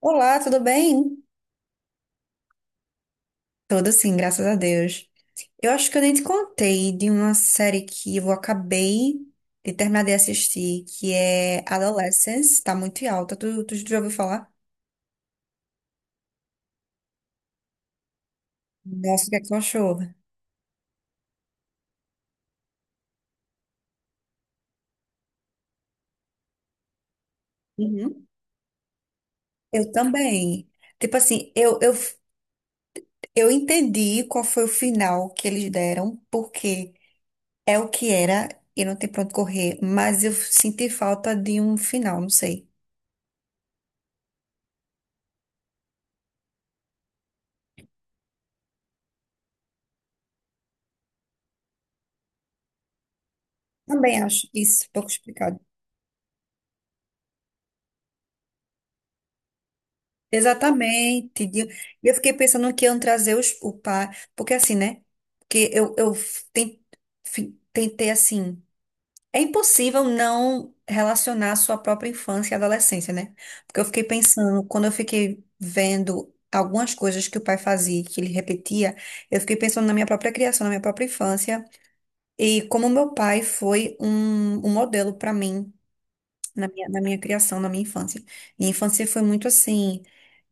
Olá, tudo bem? Tudo sim, graças a Deus. Eu acho que eu nem te contei de uma série que eu acabei de terminar de assistir, que é Adolescence, tá muito em alta. Tu já ouviu falar? Nossa, o que é que tu achou? Uhum. Eu também. Tipo assim, eu entendi qual foi o final que eles deram, porque é o que era e não tem pra onde correr, mas eu senti falta de um final, não sei. Também acho isso pouco explicado. Exatamente. E eu fiquei pensando que iam trazer o pai, porque assim, né? Porque eu, eu ten- fi- tentei assim. É impossível não relacionar a sua própria infância e adolescência, né? Porque eu fiquei pensando, quando eu fiquei vendo algumas coisas que o pai fazia, que ele repetia, eu fiquei pensando na minha própria criação, na minha própria infância, e como meu pai foi um modelo para mim na minha criação, na minha infância. Minha infância foi muito assim,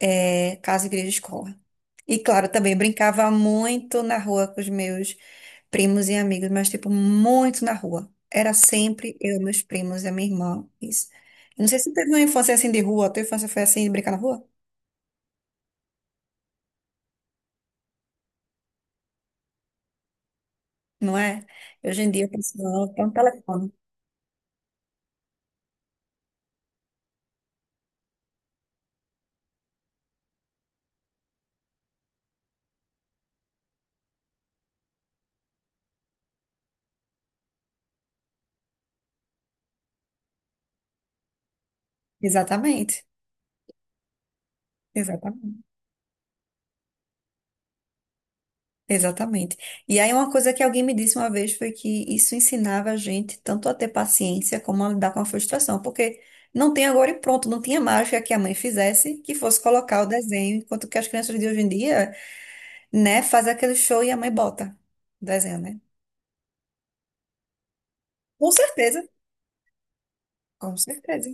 é, casa, igreja, escola. E claro, também brincava muito na rua com os meus primos e amigos, mas tipo, muito na rua. Era sempre eu, meus primos e a minha irmã. Isso. Eu não sei se tu teve uma infância assim de rua, a tua infância foi assim de brincar na rua? Não é? Hoje em dia eu preciso ter um telefone. Exatamente. Exatamente. Exatamente. E aí uma coisa que alguém me disse uma vez foi que isso ensinava a gente tanto a ter paciência como a lidar com a frustração, porque não tem agora e pronto, não tinha mágica que a mãe fizesse que fosse colocar o desenho, enquanto que as crianças de hoje em dia, né, fazem aquele show e a mãe bota o desenho, né? Com certeza, com certeza,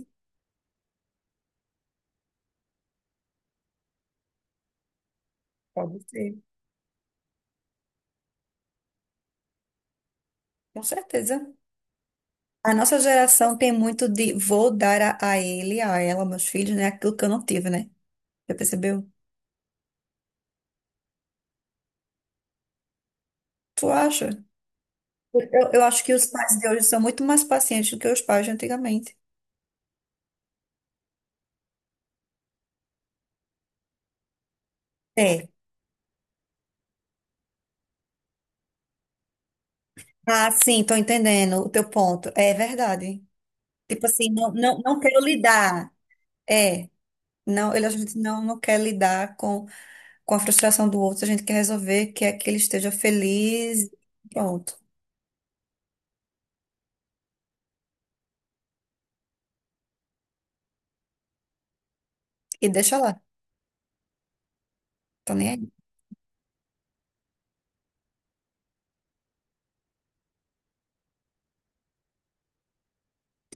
pode ser, com certeza. A nossa geração tem muito de vou dar a ele, a ela, meus filhos, né, aquilo que eu não tive, né? Já percebeu? Tu acha? Eu acho que os pais de hoje são muito mais pacientes do que os pais de antigamente. É. Ah, sim, tô entendendo o teu ponto. É verdade. Tipo assim, não quero lidar. É. Não, ele, a gente não quer lidar com a frustração do outro, a gente quer resolver que é que ele esteja feliz. Pronto. E deixa lá. Tô nem aí.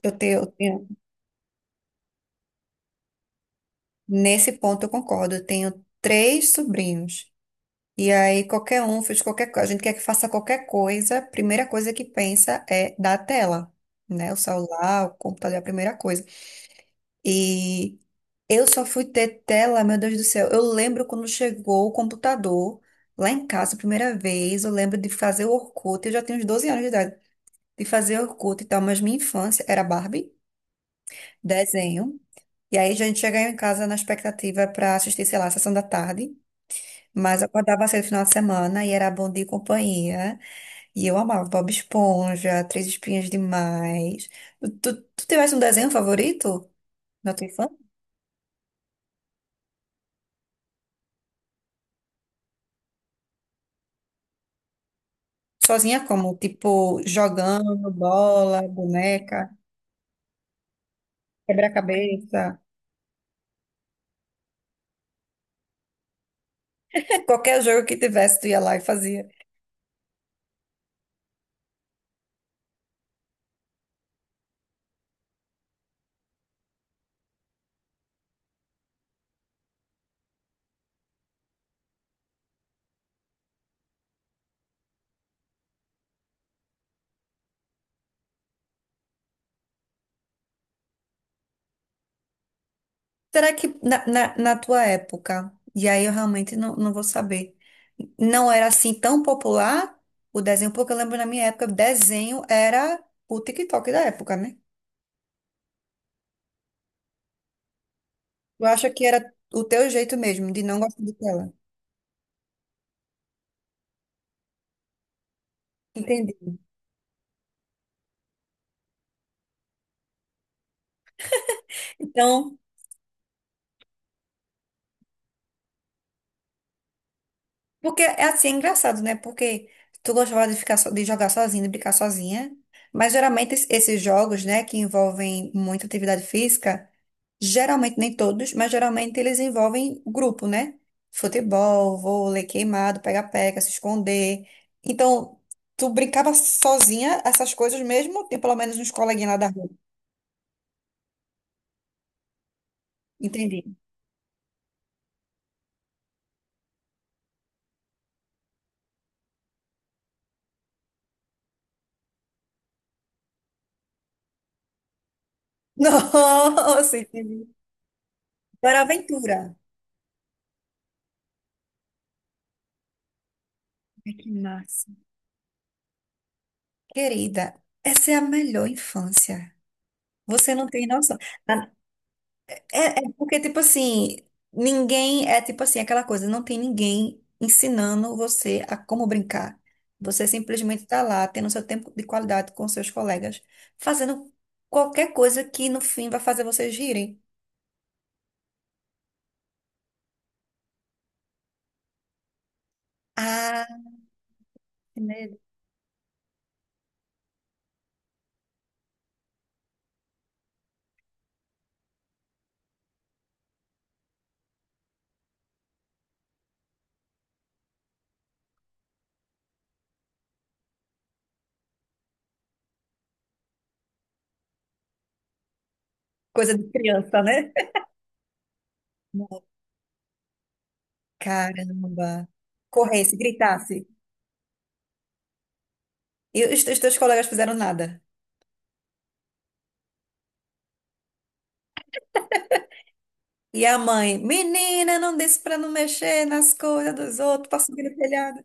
Eu tenho, eu tenho, nesse ponto eu concordo. Eu tenho três sobrinhos. E aí qualquer um fez qualquer coisa, a gente quer que faça qualquer coisa, a primeira coisa que pensa é da tela, né? O celular, o computador é a primeira coisa. E eu só fui ter tela, meu Deus do céu. Eu lembro quando chegou o computador lá em casa a primeira vez, eu lembro de fazer o Orkut, eu já tenho uns 12 anos de idade, de fazer Orkut e tal, mas minha infância era Barbie, desenho. E aí a gente chegava em casa na expectativa para assistir, sei lá, a sessão da tarde. Mas eu acordava cedo no final de semana e era Bom Dia e Companhia. E eu amava Bob Esponja, Três Espinhas Demais. Tu tivesse um desenho favorito na tua infância? Sozinha como? Tipo, jogando bola, boneca, quebra-cabeça. É, qualquer jogo que tivesse, tu ia lá e fazia. Será que na, na tua época, e aí eu realmente não vou saber, não era assim tão popular o desenho? Porque eu lembro na minha época, desenho era o TikTok da época, né? Eu acho que era o teu jeito mesmo de não gostar de tela. Entendi. Então, porque é assim, é engraçado, né? Porque tu gostava de ficar so- de jogar sozinha, de brincar sozinha, mas geralmente esses jogos, né, que envolvem muita atividade física, geralmente nem todos, mas geralmente eles envolvem grupo, né? Futebol, vôlei, queimado, pega-pega, se esconder. Então, tu brincava sozinha essas coisas mesmo, tem pelo menos uns coleguinhas lá da rua. Entendi. Nossa, entendi. Era aventura. Ai, que massa. Querida, essa é a melhor infância. Você não tem noção. Ah, é porque, tipo assim, ninguém. É tipo assim, aquela coisa, não tem ninguém ensinando você a como brincar. Você simplesmente está lá, tendo seu tempo de qualidade com seus colegas, fazendo qualquer coisa que no fim vai fazer vocês rirem. Ah, que medo. Coisa de criança, né? Caramba. Corresse, gritasse. E os teus colegas fizeram nada. E a mãe, menina, não disse pra não mexer nas coisas dos outros, pra subir no telhado.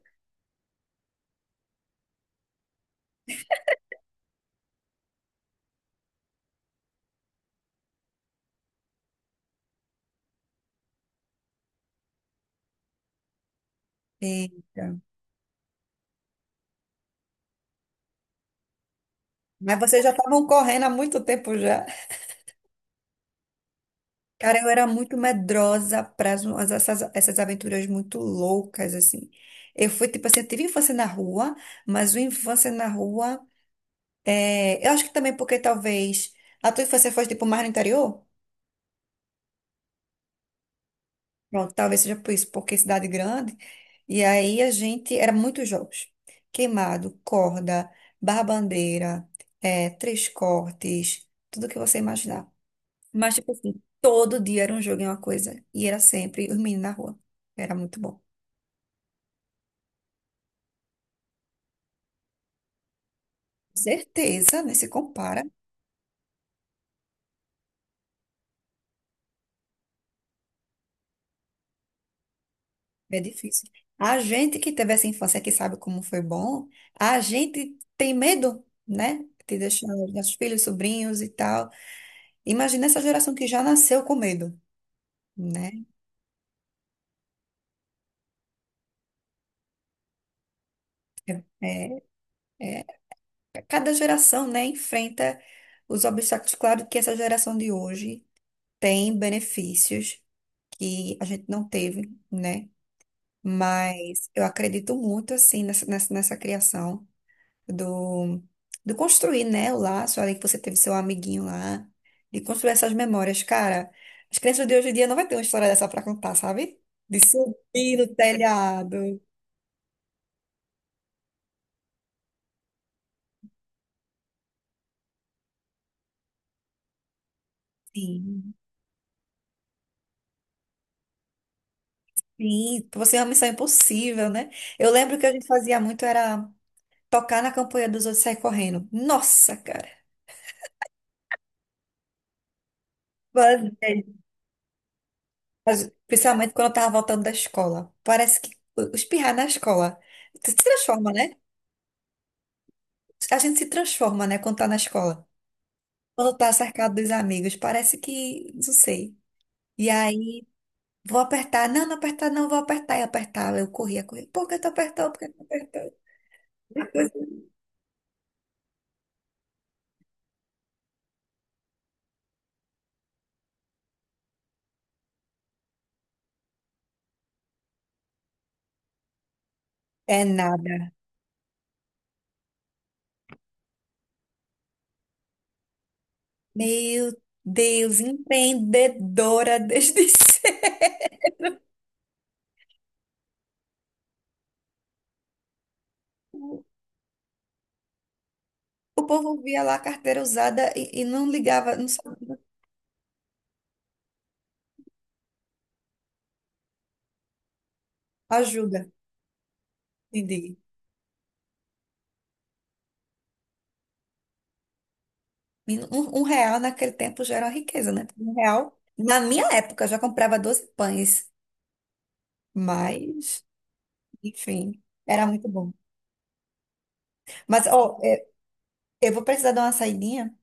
Eita. Mas vocês já estavam correndo há muito tempo já. Cara, eu era muito medrosa para essas aventuras muito loucas, assim. Eu fui, tipo assim, eu tive infância na rua, mas o infância na rua. É, eu acho que também porque talvez a tua infância foi, tipo, mais no interior? Pronto, talvez seja por isso, porque é cidade grande. E aí a gente. Era muitos jogos: queimado, corda, barra-bandeira, três cortes, tudo que você imaginar. Mas, tipo assim, todo dia era um jogo e uma coisa. E era sempre os meninos na rua. Era muito bom. Certeza, né? Se compara, é difícil. A gente que teve essa infância que sabe como foi bom, a gente tem medo, né? De deixar os nossos filhos, sobrinhos e tal. Imagina essa geração que já nasceu com medo. Né? É, é, cada geração, né, enfrenta os obstáculos. Claro que essa geração de hoje tem benefícios que a gente não teve, né? Mas eu acredito muito, assim, nessa, nessa criação do, do construir, né, o laço ali que você teve seu amiguinho lá, de construir essas memórias. Cara, as crianças de hoje em dia não vai ter uma história dessa pra contar, sabe? De subir no telhado. Sim. Sim, você é uma missão impossível, né? Eu lembro que a gente fazia muito era tocar na campanha dos outros e sair correndo. Nossa, cara. Mas, é, mas, principalmente quando eu tava voltando da escola. Parece que espirrar na escola se transforma, né? A gente se transforma, né, quando tá na escola. Quando tá cercado dos amigos, parece que, não sei. E aí, vou apertar. Não, não apertar, não, vou apertar. E apertar. Eu corria, corria. Por que tu apertou? Por que tu apertou? É nada. Meu Deus, empreendedora desde cedo. O povo via lá a carteira usada e não ligava, não sabia. Ajuda, entendi. E um real naquele tempo já era uma riqueza, né? Um real. Na minha época, eu já comprava 12 pães, mas, enfim, era muito bom. Mas, ó, é, eu vou precisar dar uma saidinha,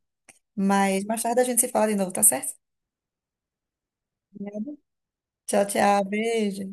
mas mais tarde a gente se fala de novo, tá certo? Tchau, tchau, beijo.